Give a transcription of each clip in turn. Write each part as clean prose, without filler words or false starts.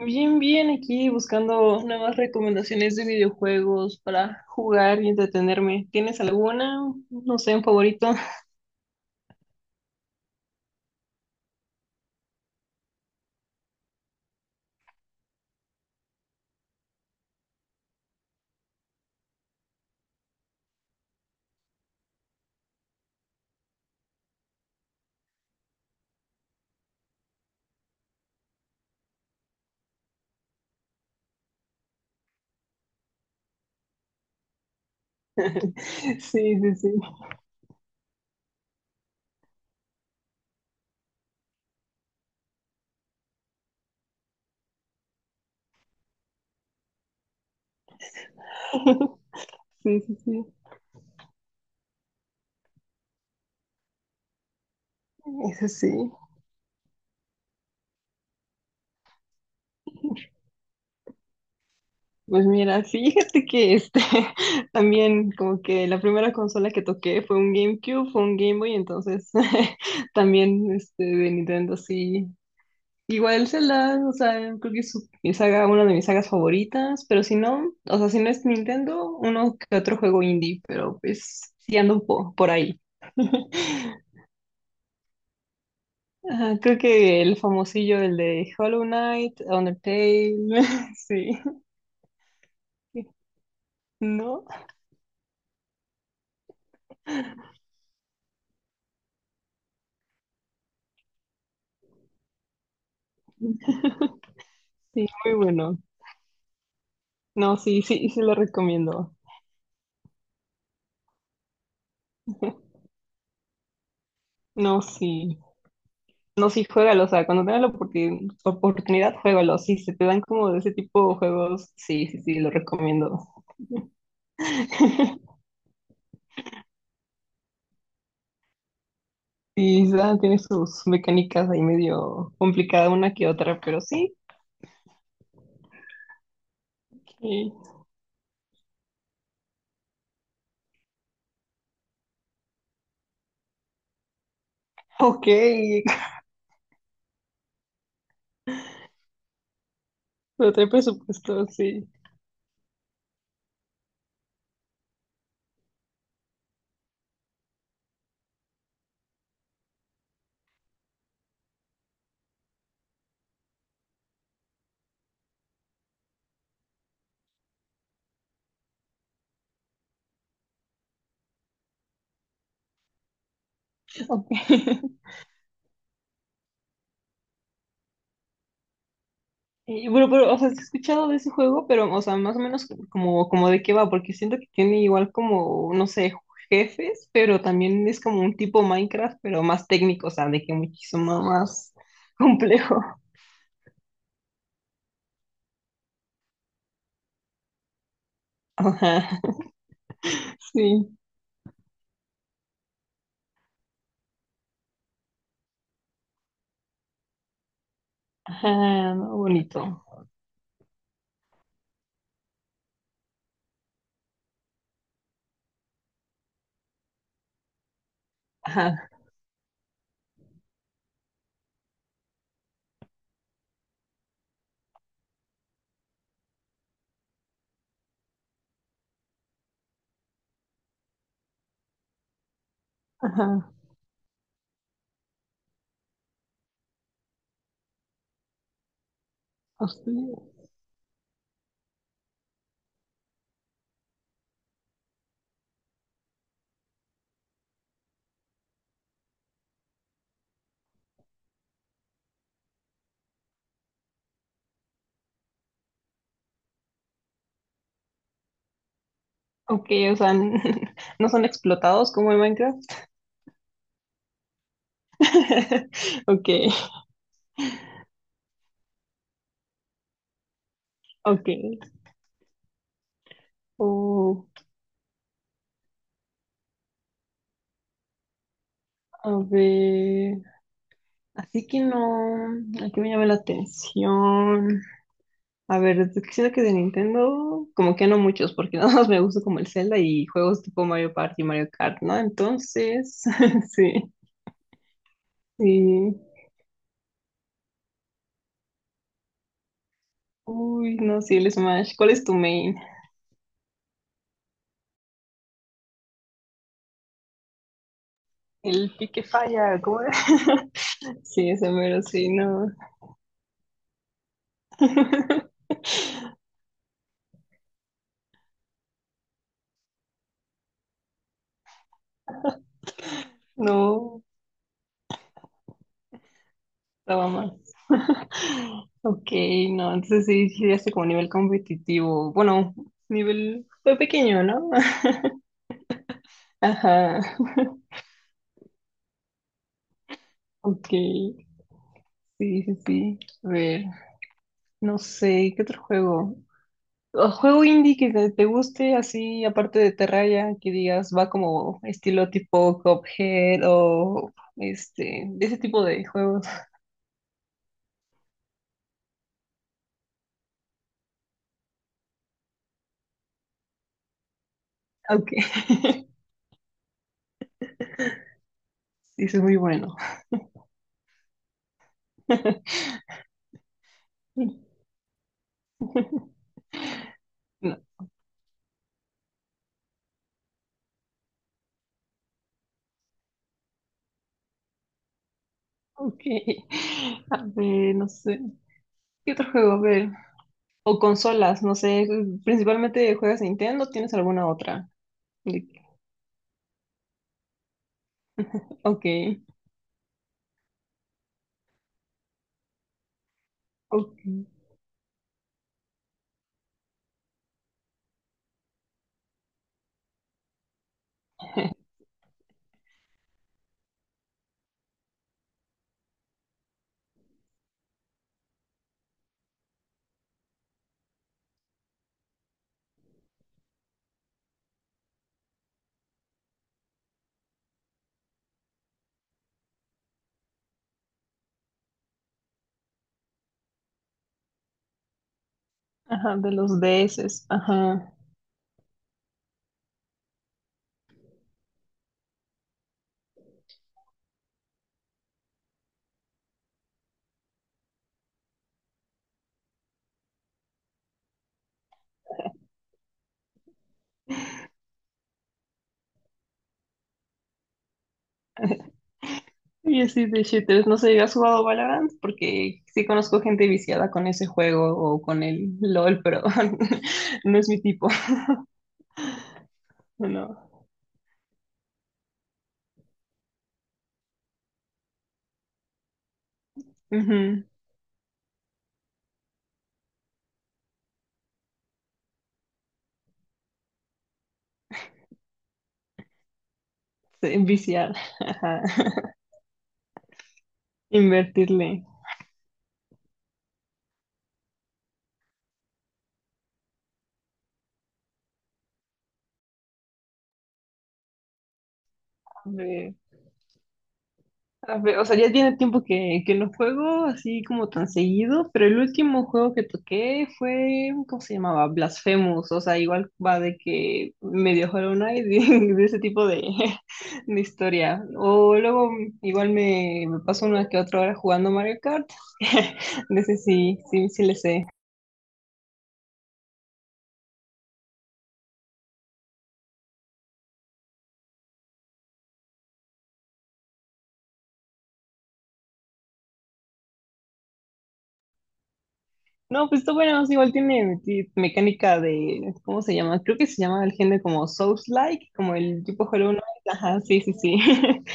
Bien, bien, aquí buscando nuevas recomendaciones de videojuegos para jugar y entretenerme. ¿Tienes alguna? No sé, un favorito. Sí, sí, sí. Sí, sí, sí. Eso sí. Pues mira, fíjate que también como que la primera consola que toqué fue un GameCube, fue un Game Boy, entonces también de Nintendo sí. Igual Zelda, o sea, creo que mi saga, una de mis sagas favoritas, pero si no, o sea, si no es Nintendo, uno que otro juego indie, pero pues sí ando un po por ahí. Ajá, creo que el famosillo, el de Hollow Knight, Undertale, sí, ¿no? Sí, muy bueno. No, sí, sí, sí lo recomiendo. No, sí. No, sí, juégalo. O sea, cuando tengas la oportunidad, juégalo. Sí, se te dan como de ese tipo de juegos. Sí, sí, sí, lo recomiendo. Sí, esa tiene sus mecánicas ahí medio complicada una que otra, pero sí. Ok. Pero trae presupuesto, sí. Ok. Y bueno, pero, o sea, sí he escuchado de ese juego, pero, o sea, más o menos como, como de qué va, porque siento que tiene igual como, no sé, jefes, pero también es como un tipo Minecraft, pero más técnico, o sea, de que muchísimo más complejo. Ajá, sí. Ajá, no, bonito. Ajá, ajá. Hostia. Ok, o sea, no son explotados como en Minecraft. Ok, ok. Oh, a ver. Así que no, aquí me llama la atención. A ver, es que siento que de Nintendo, como que no muchos, porque nada más me gusta como el Zelda y juegos tipo Mario Party y Mario Kart, ¿no? Entonces, sí, sí. Uy, no, sí, el Smash. ¿Cuál es tu main? El pique falla, ¿cómo era? Sí, ese mero, sí, no. No, estaba más. Ok, no, entonces sí, sí, ya como nivel competitivo. Bueno, nivel fue pequeño, ¿no? Ajá, ok, sí, sí, sí. A ver, no sé, ¿qué otro juego? O juego indie que te guste, así, aparte de Terraria, que digas, va como estilo tipo Cuphead o de ese tipo de juegos. Ok, sí, eso es muy bueno. No. Ok. A ver, no sé. ¿Qué otro juego? A ver. O consolas, no sé. Principalmente juegas Nintendo, ¿tienes alguna otra? De- Ok. Ok. Ajá, de los DS. Ajá. Y así de shooters. No sé, ¿has jugado Valorant? Porque sí conozco gente viciada con ese juego o con el LOL, pero no es mi tipo. No. Ujú. Sí, viciar. Ajá. Invertirle. A ver. A ver, o sea, ya tiene tiempo que no juego así como tan seguido, pero el último juego que toqué fue, ¿cómo se llamaba? Blasphemous, o sea, igual va de que medio Hollow Knight, de ese tipo de historia. O luego igual me paso una que otra hora jugando Mario Kart, de ese sí, sí, sí le sé. No, pues está bueno, sí, igual tiene mecánica de, ¿cómo se llama? Creo que se llama el género como Souls-like, como el tipo Hollow Knight, ajá, sí, sí, sí.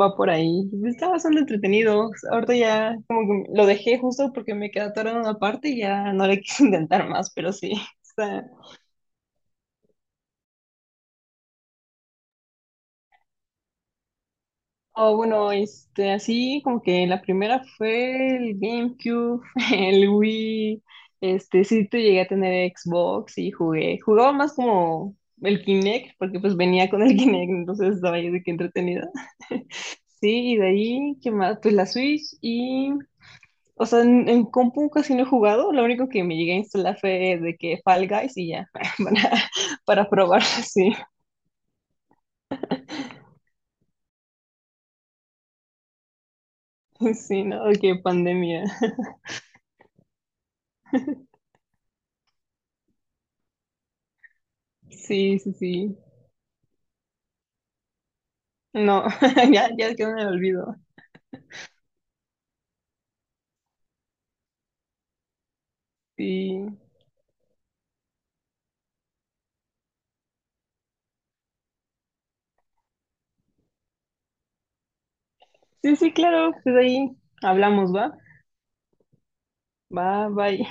Va por ahí. Estaba bastante entretenido. Ahorita ya como que lo dejé justo porque me quedé atorado en una parte y ya no le quise intentar más, pero sí. Está... O bueno, este, así como que la primera fue el GameCube, el Wii. Este, sí te llegué a tener Xbox y jugué. Jugaba más como el Kinect, porque pues venía con el Kinect, entonces estaba yo de qué entretenida. Sí, y de ahí, ¿qué más? Pues la Switch y o sea, en compu casi no he jugado, lo único que me llegué a instalar fue de que Fall Guys y ya, para, para probar, sí, sí, ¿no? Que pandemia, sí, sí, sí, no, ya, ya, ya me olvido, sí, sí, sí, claro, pues ahí hablamos, ¿va? Va, bye.